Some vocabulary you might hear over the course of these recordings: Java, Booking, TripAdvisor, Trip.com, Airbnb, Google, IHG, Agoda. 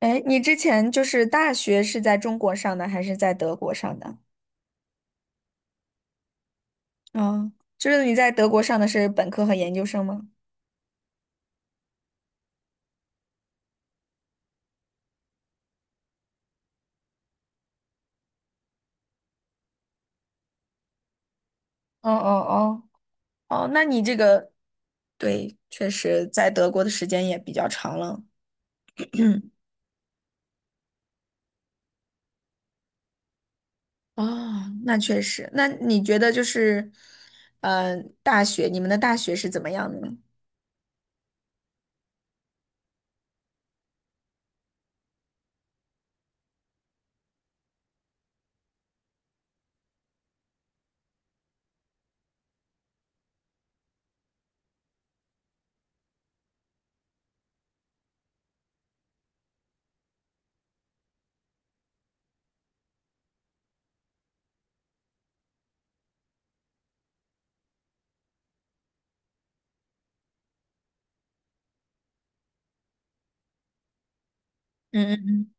哎，你之前就是大学是在中国上的还是在德国上的？嗯。就是你在德国上的是本科和研究生吗？哦哦。哦哦，那你这个，对，确实在德国的时间也比较长了。哦，那确实。那你觉得就是，你们的大学是怎么样的呢？嗯嗯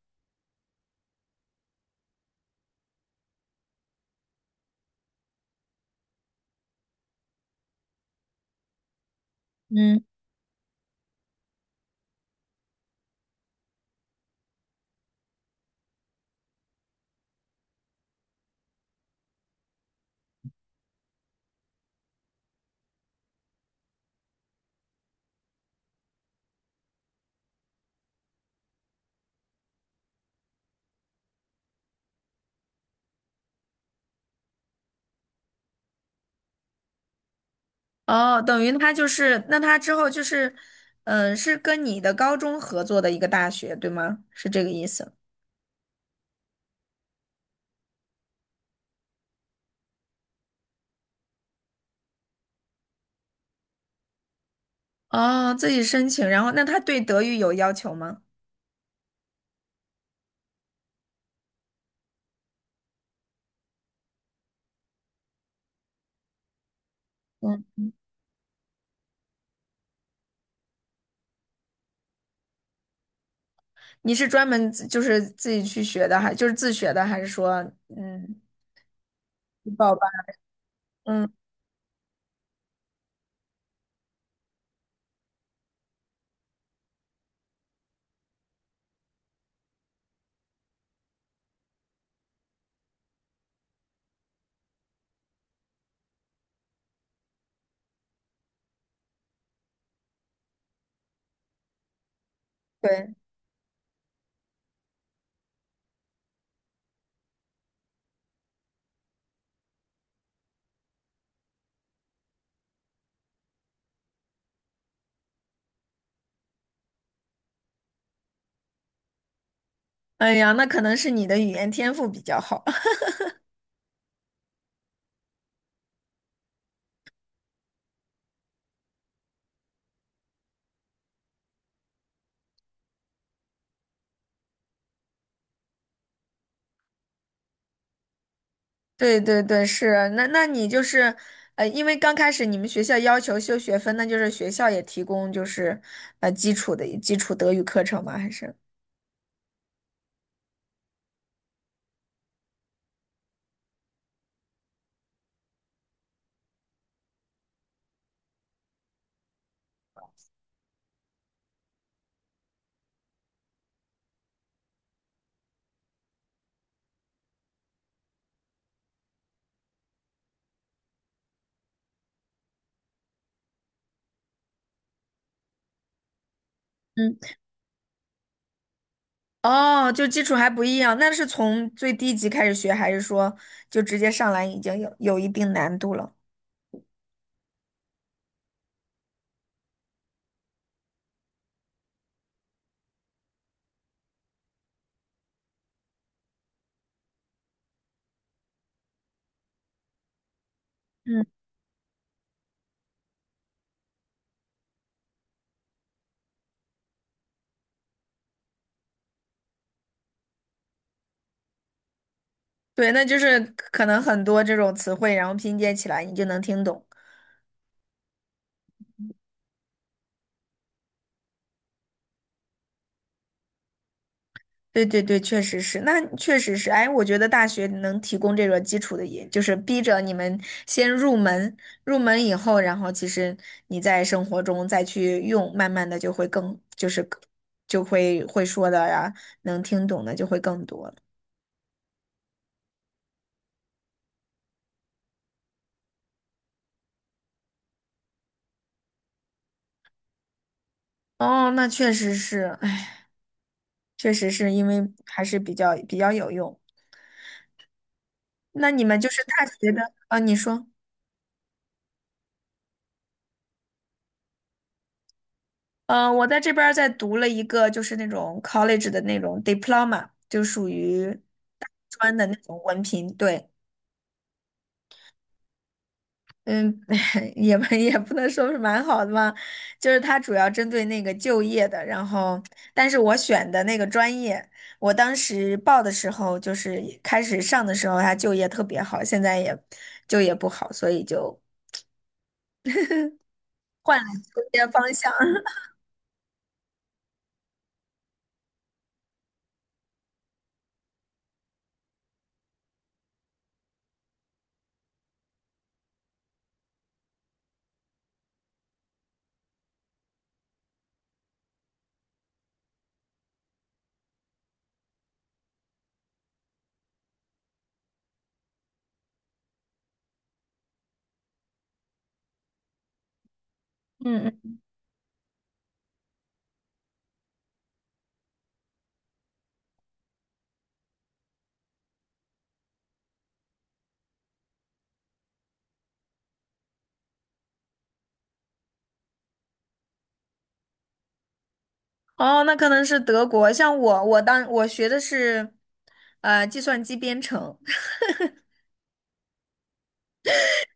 嗯嗯。哦，等于他就是，那他之后就是，嗯、是跟你的高中合作的一个大学，对吗？是这个意思。哦，自己申请，然后那他对德语有要求吗？嗯。你是专门就是自己去学的，还就是自学的，还是说嗯去报班？嗯。对。哎呀，那可能是你的语言天赋比较好。对对对，是啊。那你就是，因为刚开始你们学校要求修学分，那就是学校也提供就是基础德语课程吗？还是？嗯。哦，就基础还不一样，那是从最低级开始学，还是说就直接上来已经有一定难度了？嗯。对，那就是可能很多这种词汇，然后拼接起来你就能听懂。对对对，确实是，那确实是。哎，我觉得大学能提供这个基础的也，就是逼着你们先入门，入门以后，然后其实你在生活中再去用，慢慢的就会更，就是更就会会说的呀，能听懂的就会更多了。哦，那确实是。哎，确实是因为还是比较有用。那你们就是大学的，啊，你说。嗯，我在这边儿在读了一个，就是那种 college 的那种 diploma，就属于大专的那种文凭。对。嗯。也不能说是蛮好的嘛，就是它主要针对那个就业的。然后，但是我选的那个专业，我当时报的时候，就是开始上的时候，它就业特别好，现在也就业不好，所以就换了就业方向。嗯。哦，那可能是德国。像我，我当我学的是，计算机编程。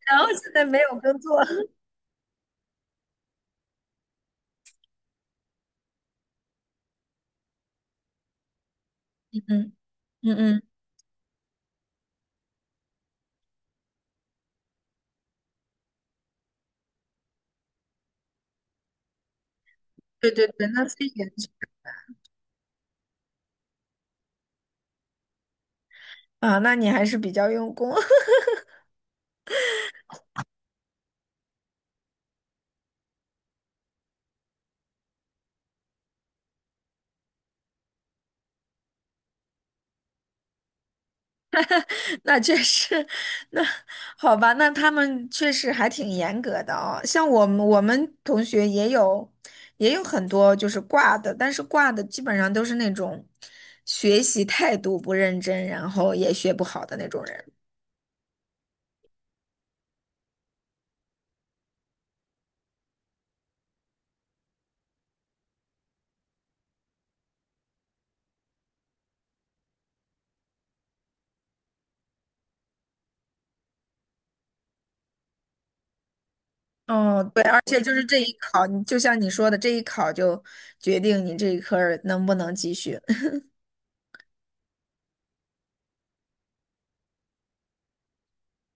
然后现在没有工作。嗯嗯嗯。对对对。那是研究啊。那你还是比较用功。那确实。那好吧，那他们确实还挺严格的哦。像我们同学也有很多就是挂的，但是挂的基本上都是那种学习态度不认真，然后也学不好的那种人。哦，对，而且就是这一考，你就像你说的，这一考就决定你这一科儿能不能继续。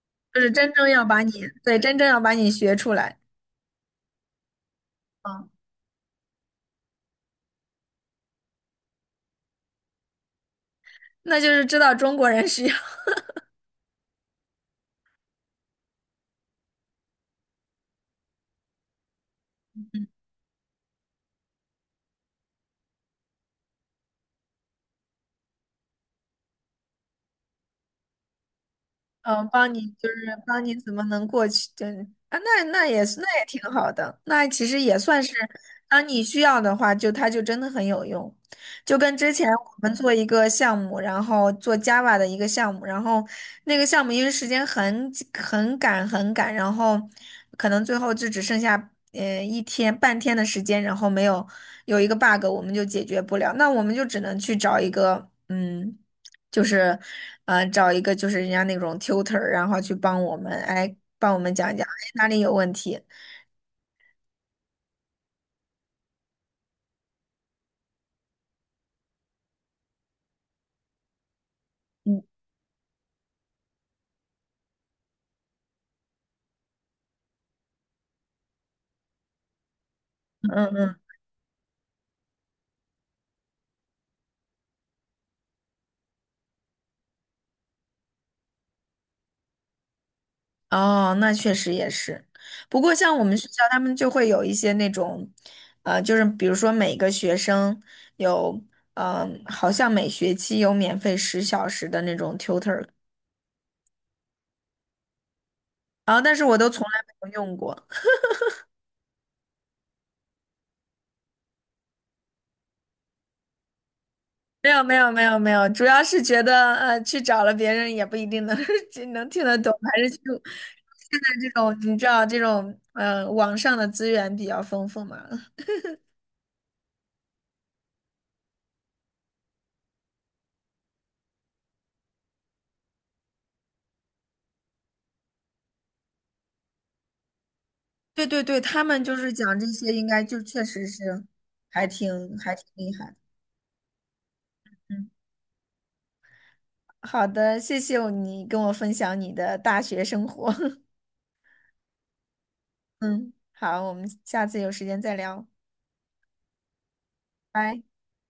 就是真正要把你，对，真正要把你学出来。嗯。那就是知道中国人是要嗯，帮你就是帮你怎么能过去？对啊，那也是，那也挺好的，那其实也算是，当你需要的话，就它就真的很有用。就跟之前我们做一个项目，然后做 Java 的一个项目，然后那个项目因为时间很赶很赶，然后可能最后就只剩下一天半天的时间，然后没有有一个 bug，我们就解决不了，那我们就只能去找一个就是，找一个就是人家那种 tutor，然后去帮我们，哎，帮我们讲一讲，哎，哪里有问题？嗯嗯。哦，那确实也是。不过像我们学校，他们就会有一些那种，就是比如说每个学生有，好像每学期有免费10小时的那种 tutor，然后但是我都从来没有用过。没有没有没有没有，主要是觉得去找了别人也不一定能 就能听得懂，还是就现在这种你知道这种网上的资源比较丰富嘛。对对对，他们就是讲这些，应该就确实是还挺厉害的。嗯，好的，谢谢你跟我分享你的大学生活。嗯，好，我们下次有时间再聊。拜。